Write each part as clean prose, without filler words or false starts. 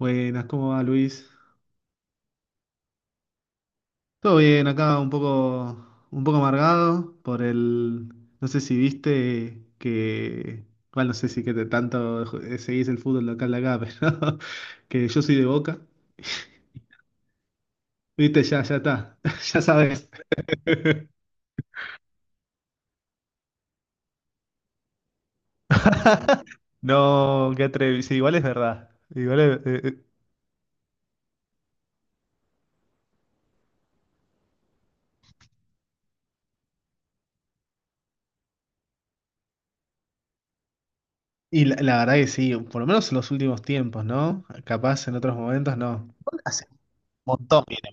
Buenas, ¿cómo va Luis? Todo bien, acá un poco amargado por el. No sé si viste que. Bueno, no sé si que te tanto seguís el fútbol local de acá, pero que yo soy de Boca. Viste, ya, ya está. Ya sabes. No, qué atrevido. Sí, igual es verdad. Igual es. Y la verdad que sí, por lo menos en los últimos tiempos, ¿no? Capaz en otros momentos no. Hace un montón, mira.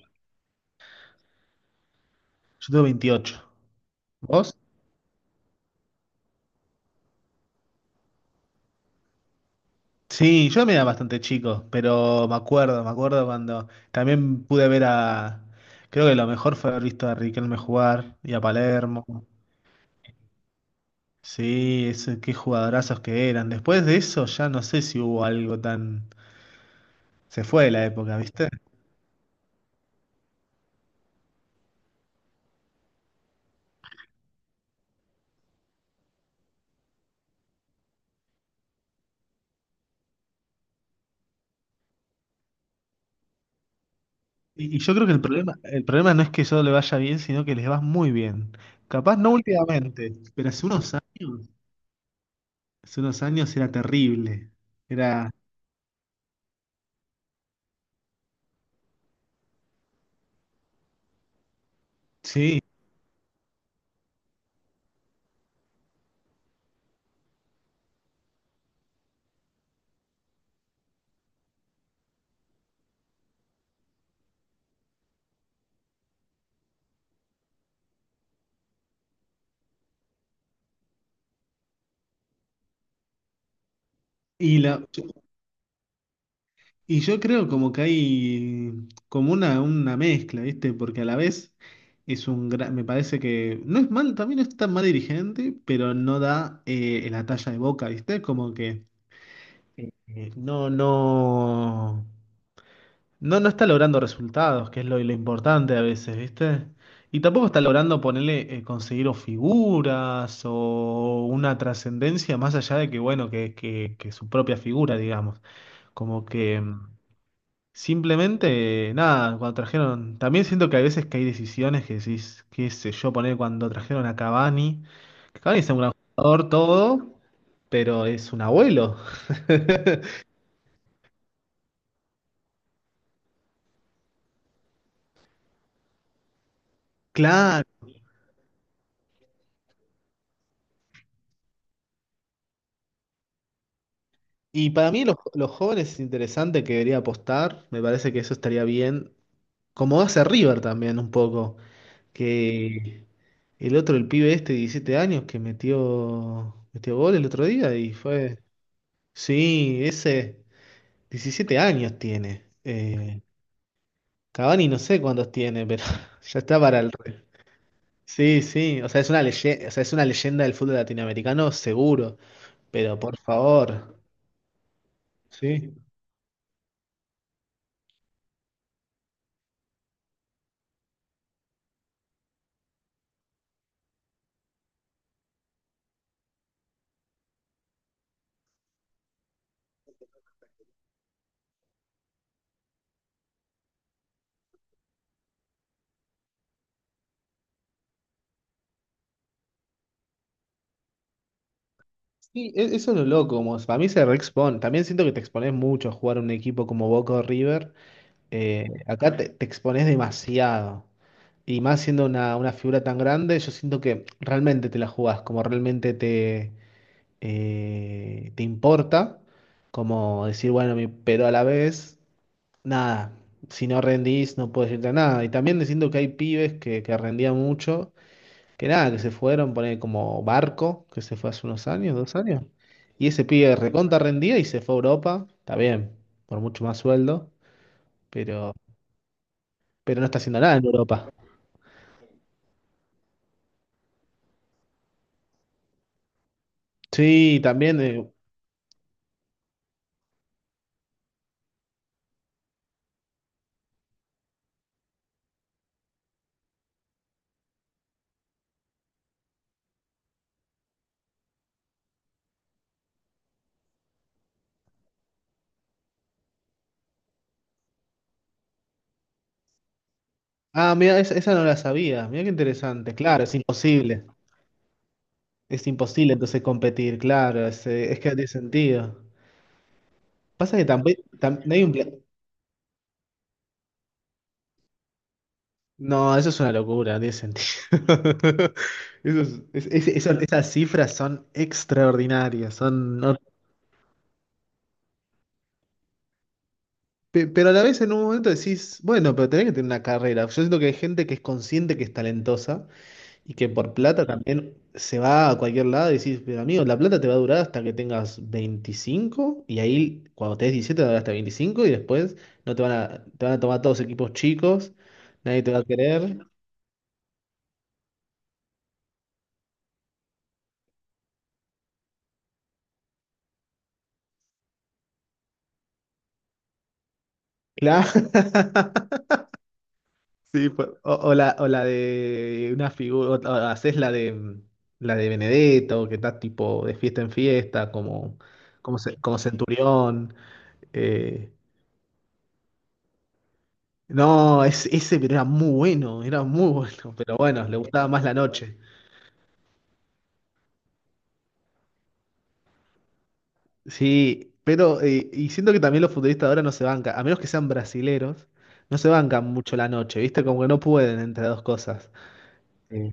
Yo tengo 28. ¿Vos? Sí, yo también era bastante chico, pero me acuerdo cuando también pude ver a, creo que lo mejor fue haber visto a Riquelme jugar y a Palermo. Sí, ese, qué jugadorazos que eran. Después de eso ya no sé si hubo algo tan... Se fue de la época, ¿viste? Y yo creo que el problema no es que yo le vaya bien, sino que les va muy bien. Capaz no últimamente, pero hace unos años era terrible. Era, sí. Y la, y yo creo como que hay como una mezcla, ¿viste? Porque a la vez es un gran, me parece que no es mal, también no es tan mal dirigente, pero no da la talla de Boca, ¿viste? Como que eh, eh, no, no, no está logrando resultados, que es lo importante a veces, ¿viste? Y tampoco está logrando ponerle, conseguir o figuras o una trascendencia más allá de que, bueno, que su propia figura, digamos. Como que. Simplemente, nada, cuando trajeron. También siento que hay veces que hay decisiones que decís, qué sé yo, poner cuando trajeron a Cavani. Que Cavani es un gran jugador, todo, pero es un abuelo. Claro. Y para mí, los jóvenes es interesante que debería apostar. Me parece que eso estaría bien. Como hace River también, un poco. Que el otro, el pibe este de 17 años, que metió gol el otro día y fue. Sí, ese. 17 años tiene. Cavani no sé cuántos tiene, pero ya está para el. Sí, sí, o sea, es una leyenda, o sea, es una leyenda del fútbol latinoamericano, seguro, pero por favor, sí. Sí, eso es lo loco, como para mí se reexpone. También siento que te expones mucho a jugar un equipo como Boca o River. Acá te, te expones demasiado. Y más siendo una figura tan grande, yo siento que realmente te la jugás, como realmente te importa, como decir, bueno, pero a la vez, nada, si no rendís no puedes irte a nada. Y también diciendo que hay pibes que rendían mucho, que nada, que se fueron, poner como Barco, que se fue hace unos años, dos años, y ese pibe recontra rendía y se fue a Europa, está bien, por mucho más sueldo, pero, pero no está haciendo nada en Europa. Sí, también. Ah, mira, esa no la sabía. Mira qué interesante. Claro, es imposible. Es imposible entonces competir, claro, es que no tiene sentido. Pasa que tampoco hay un. No, eso es una locura, no tiene sentido. Eso es- eso- esas cifras son extraordinarias, son. Pero a la vez en un momento decís, bueno, pero tenés que tener una carrera. Yo siento que hay gente que es consciente que es talentosa. Y que por plata también se va a cualquier lado y decís, pero amigo, la plata te va a durar hasta que tengas 25 y ahí cuando tenés 17 te va a durar hasta 25 y después no te van a, te van a tomar todos equipos chicos, nadie te va a querer. Claro. Sí, pues, o la de una figura, o haces la de Benedetto, que está tipo de fiesta en fiesta, como, como, como centurión. eh, No, es, ese pero era muy bueno, pero bueno, le gustaba más la noche. Sí, pero y siento que también los futbolistas ahora no se bancan, a menos que sean brasileros, no se bancan mucho la noche, ¿viste? Como que no pueden entre dos cosas. Sí.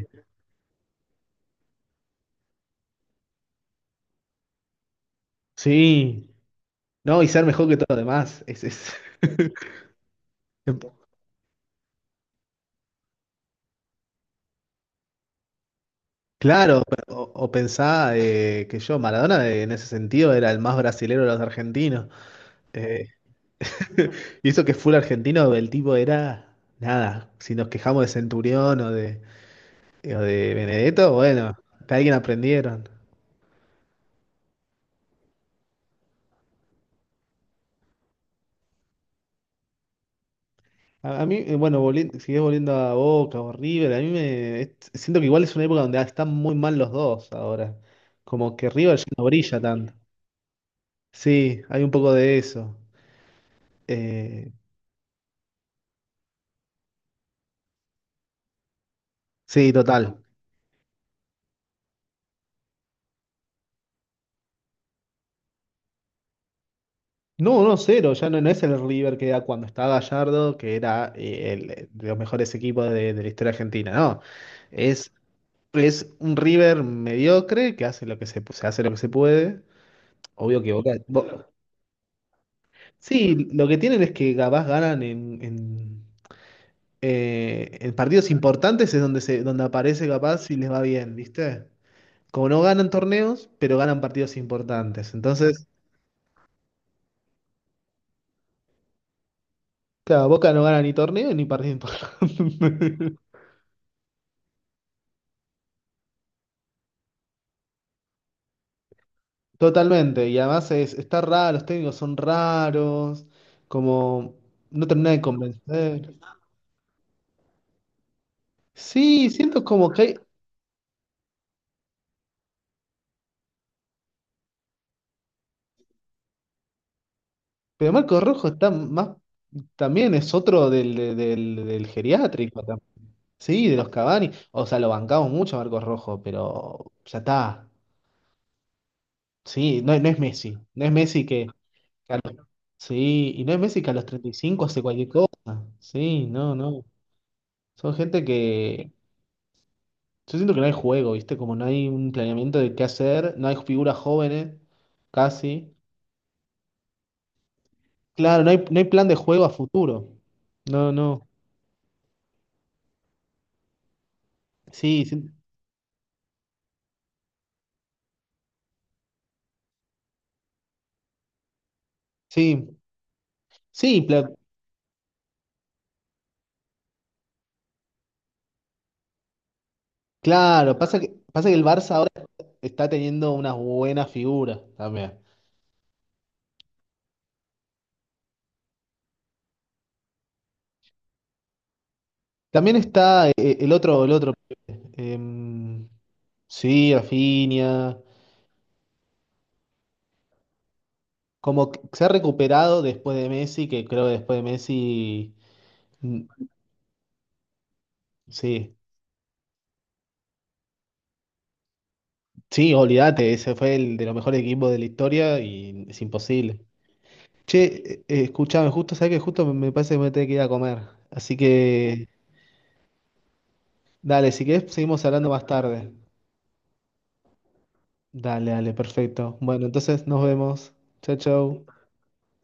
Sí, no, y ser mejor que todos los demás, es. Claro, o pensá que yo, Maradona en ese sentido era el más brasilero de los argentinos. eh, Y eso que es full argentino, el tipo era nada. Si nos quejamos de Centurión o de Benedetto, bueno, que alguien aprendieron. A mí, bueno, volviendo, sigues volviendo a Boca o River, a mí siento que igual es una época donde están muy mal los dos ahora. Como que River ya no brilla tanto. Sí, hay un poco de eso. Eh, sí, total. No, no, cero, ya no, no es el River que era cuando estaba Gallardo, que era el, de los mejores equipos de la historia argentina, no. Es Es un River mediocre que hace lo que se hace lo que se puede. Obvio que Boca. Sí, lo que tienen es que capaz ganan en partidos importantes es donde se, donde aparece capaz y les va bien, ¿viste? Como no ganan torneos, pero ganan partidos importantes. Entonces, claro, Boca no gana ni torneo ni partido importante. Totalmente. Y además es, está raro, los técnicos son raros, como no termina de convencer. Sí, siento como que hay, pero Marco Rojo está más, también es otro del, del geriátrico, sí, de los Cavani. O sea, lo bancamos mucho a Marcos Rojo, pero ya está. Sí, no, no es Messi. No es Messi que, que. Sí, y no es Messi que a los 35 hace cualquier cosa. Sí, no, no. Son gente que, yo siento que no hay juego, ¿viste? Como no hay un planeamiento de qué hacer, no hay figuras jóvenes, casi. Claro, no hay, no hay plan de juego a futuro. No, no. Sí, sí. Sí, sí. Claro, pasa que el Barça ahora está teniendo unas buenas figuras también. También está el otro, el otro. em, sí, Rafinha. Como que se ha recuperado después de Messi, que creo que después de Messi. mm, Sí, sí, olvídate, ese fue el de los mejores equipos de la historia y es imposible. Che, escuchame, justo, sabes que justo me parece que me tengo que ir a comer. Así que, dale, si querés, seguimos hablando más tarde. Dale, dale, perfecto. Bueno, entonces nos vemos. Chao, chao.